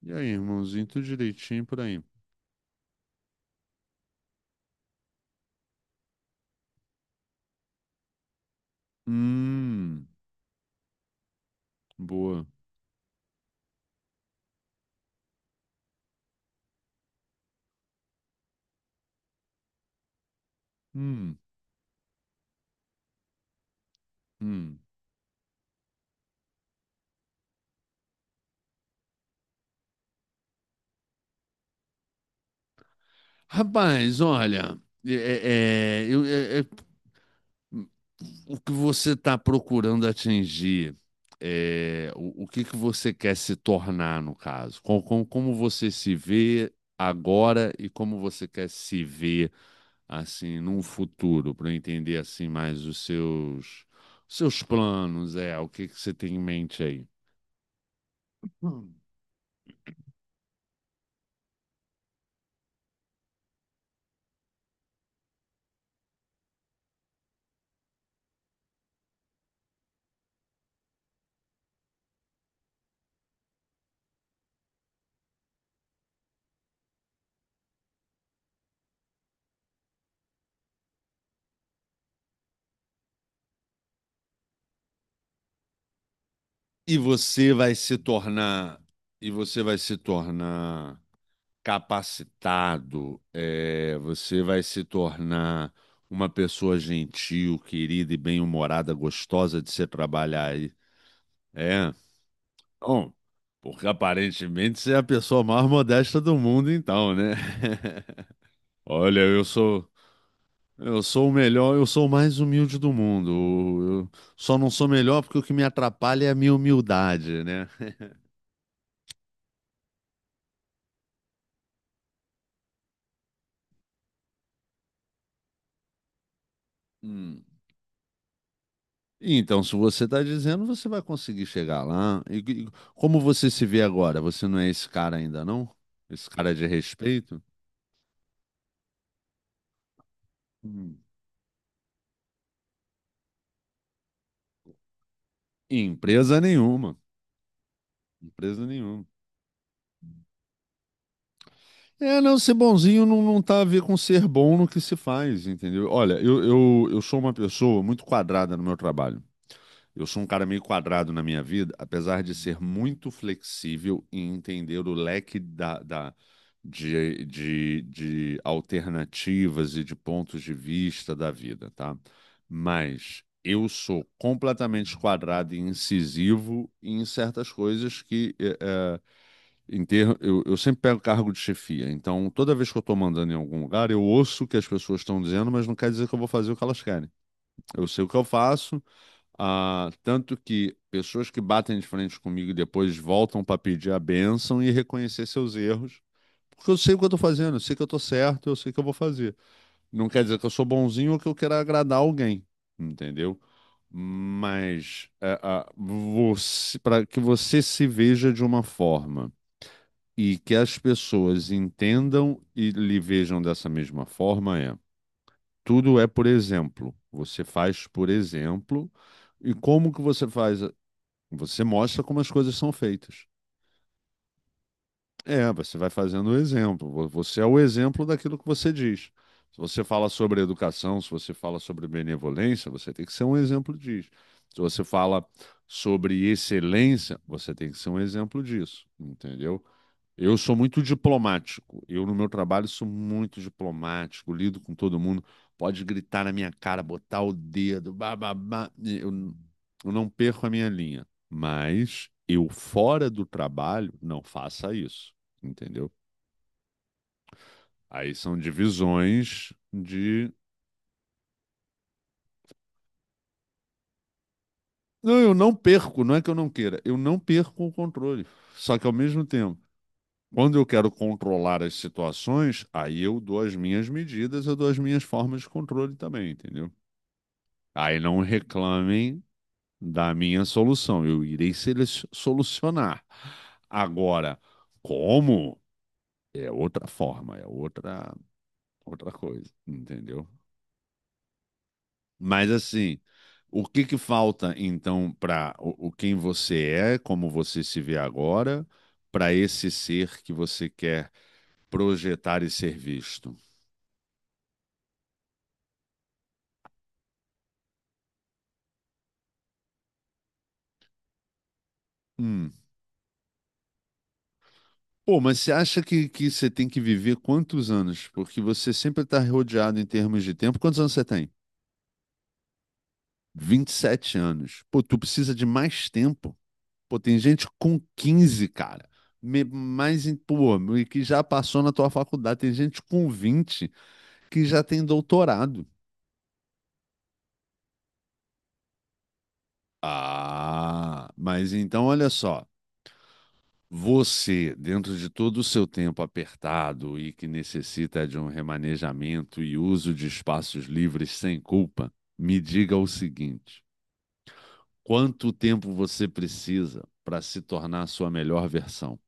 E aí, irmãozinho, tudo direitinho por aí. Hum, boa. Hum, hum. Rapaz, olha, é, é- é, eu- é- é- o que você está procurando atingir? O que que você quer se tornar, no caso? Como você se vê agora e como você quer se ver, assim, num futuro, para entender, assim, mais os seus planos? O que que você tem em mente aí? E você vai se tornar, e você vai se tornar capacitado. Você vai se tornar uma pessoa gentil, querida e bem-humorada, gostosa de se trabalhar aí. É, bom, porque aparentemente você é a pessoa mais modesta do mundo, então, né? Olha, eu sou o melhor, eu sou o mais humilde do mundo. Eu só não sou melhor porque o que me atrapalha é a minha humildade, né? Hum. Então, se você está dizendo, você vai conseguir chegar lá. E como você se vê agora? Você não é esse cara ainda, não? Esse cara de respeito? Hum. Empresa nenhuma. Empresa nenhuma. É, não, ser bonzinho não, não tá a ver com ser bom no que se faz, entendeu? Olha, eu sou uma pessoa muito quadrada no meu trabalho. Eu sou um cara meio quadrado na minha vida, apesar de ser muito flexível e entender o leque de alternativas e de pontos de vista da vida, tá? Mas eu sou completamente quadrado e incisivo em certas coisas que, eu sempre pego cargo de chefia. Então, toda vez que eu estou mandando em algum lugar, eu ouço o que as pessoas estão dizendo, mas não quer dizer que eu vou fazer o que elas querem. Eu sei o que eu faço. Ah, tanto que pessoas que batem de frente comigo e depois voltam para pedir a bênção e reconhecer seus erros. Porque eu sei o que eu tô fazendo, eu sei que eu tô certo, eu sei que eu vou fazer. Não quer dizer que eu sou bonzinho ou que eu queira agradar alguém, entendeu? Mas para que você se veja de uma forma e que as pessoas entendam e lhe vejam dessa mesma forma tudo é por exemplo. Você faz por exemplo. E como que você faz? Você mostra como as coisas são feitas. É, você vai fazendo o exemplo. Você é o exemplo daquilo que você diz. Se você fala sobre educação, se você fala sobre benevolência, você tem que ser um exemplo disso. Se você fala sobre excelência, você tem que ser um exemplo disso, entendeu? Eu sou muito diplomático. Eu, no meu trabalho, sou muito diplomático, lido com todo mundo. Pode gritar na minha cara, botar o dedo, bababá. Eu não perco a minha linha. Mas eu, fora do trabalho, não faça isso. Entendeu? Aí são divisões de. Não, eu não perco, não é que eu não queira, eu não perco o controle. Só que ao mesmo tempo, quando eu quero controlar as situações, aí eu dou as minhas medidas, eu dou as minhas formas de controle também, entendeu? Aí não reclamem da minha solução. Eu irei solucionar. Agora, como? É outra forma, outra coisa, entendeu? Mas assim, o que que falta então para o quem você é, como você se vê agora, para esse ser que você quer projetar e ser visto? Hum. Pô, mas você acha que você tem que viver quantos anos? Porque você sempre está rodeado em termos de tempo. Quantos anos você tem? 27 anos. Pô, tu precisa de mais tempo. Pô, tem gente com 15 cara. Mais, pô, e que já passou na tua faculdade. Tem gente com 20 que já tem doutorado. Ah, mas então olha só. Você, dentro de todo o seu tempo apertado e que necessita de um remanejamento e uso de espaços livres sem culpa, me diga o seguinte: quanto tempo você precisa para se tornar a sua melhor versão?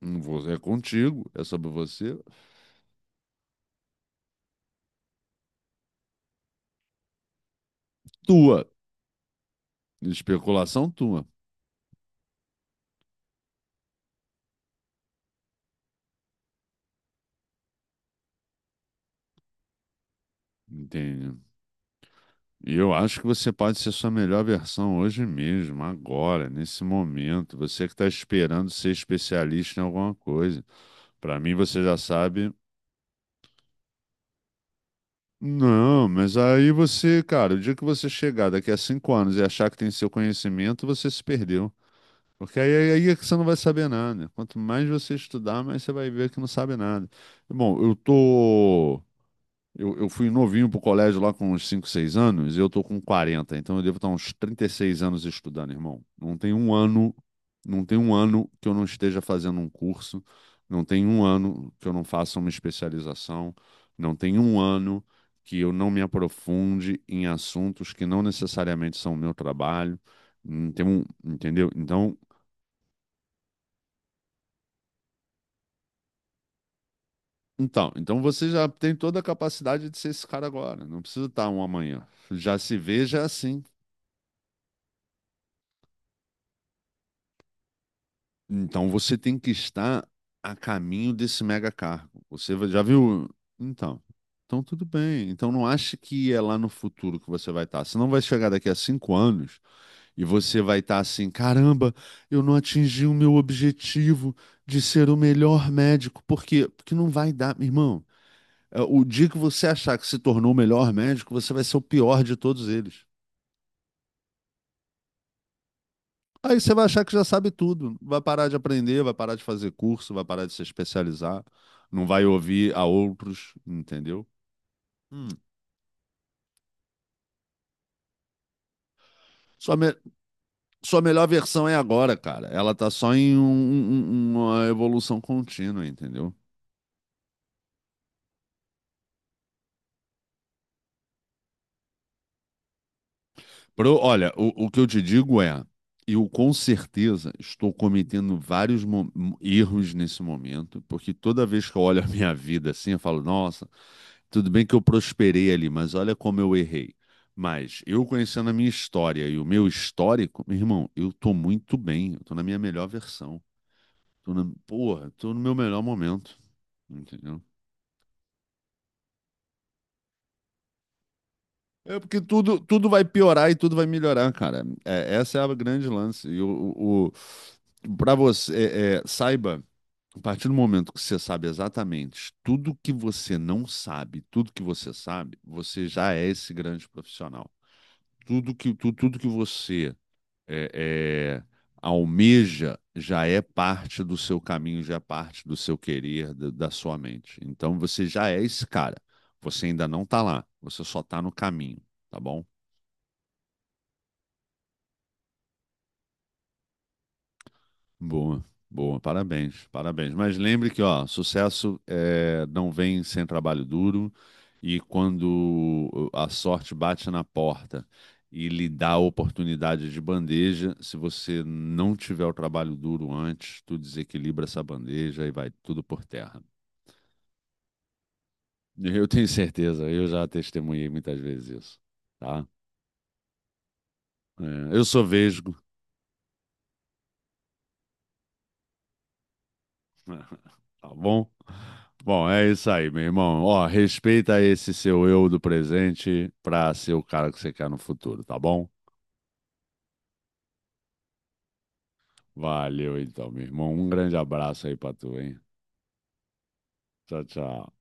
Não vou- É contigo, é sobre você. Tua. Especulação tua. Entende? E eu acho que você pode ser sua melhor versão hoje mesmo, agora, nesse momento. Você que está esperando ser especialista em alguma coisa. Para mim, você já sabe. Não, mas aí você, cara, o dia que você chegar daqui a 5 anos e achar que tem seu conhecimento, você se perdeu. Porque aí é que você não vai saber nada. Quanto mais você estudar, mais você vai ver que não sabe nada. Bom, eu tô. Eu fui novinho pro colégio lá com uns 5, 6 anos, e eu tô com 40, então eu devo estar uns 36 anos estudando, irmão. Não tem um ano, não tem um ano que eu não esteja fazendo um curso, não tem um ano que eu não faça uma especialização, não tem um ano que eu não me aprofunde em assuntos que não necessariamente são o meu trabalho. Não tem um, entendeu? Então você já tem toda a capacidade de ser esse cara agora, não precisa estar um amanhã. Já se veja assim. Então você tem que estar a caminho desse mega cargo. Você vai- já viu? Então, então tudo bem. Então não ache que é lá no futuro que você vai estar. Você não vai chegar daqui a cinco anos e você vai estar assim, caramba, eu não atingi o meu objetivo de ser o melhor médico. Por quê? Porque não vai dar, meu irmão. É, o dia que você achar que se tornou o melhor médico, você vai ser o pior de todos eles. Aí você vai achar que já sabe tudo, vai parar de aprender, vai parar de fazer curso, vai parar de se especializar, não vai ouvir a outros, entendeu? Hum. Sua, me- sua melhor versão é agora, cara. Ela tá só em uma evolução contínua, entendeu? Olha, o que eu te digo é, eu com certeza estou cometendo vários erros nesse momento, porque toda vez que eu olho a minha vida assim, eu falo, nossa, tudo bem que eu prosperei ali, mas olha como eu errei. Mas eu conhecendo a minha história e o meu histórico, meu irmão, eu tô muito bem, eu tô na minha melhor versão. Tô na, porra, tô no meu melhor momento, entendeu? É porque tudo, tudo vai piorar e tudo vai melhorar, cara. É, essa é a grande lance. Para você, saiba, a partir do momento que você sabe exatamente tudo que você não sabe, tudo que você sabe, você já é esse grande profissional. Tudo que você é, é, almeja já é parte do seu caminho, já é parte do seu querer, da sua mente. Então você já é esse cara. Você ainda não tá lá, você só tá no caminho, tá bom? Boa, boa, parabéns, parabéns. Mas lembre que, ó, sucesso é, não vem sem trabalho duro e quando a sorte bate na porta e lhe dá a oportunidade de bandeja, se você não tiver o trabalho duro antes, tu desequilibra essa bandeja e vai tudo por terra. Eu tenho certeza, eu já testemunhei muitas vezes isso, tá? É, eu sou vesgo, Tá bom? Bom, é isso aí, meu irmão. Ó, respeita esse seu eu do presente pra ser o cara que você quer no futuro, tá bom? Valeu então, meu irmão. Um grande abraço aí pra tu, hein? Tchau, tchau.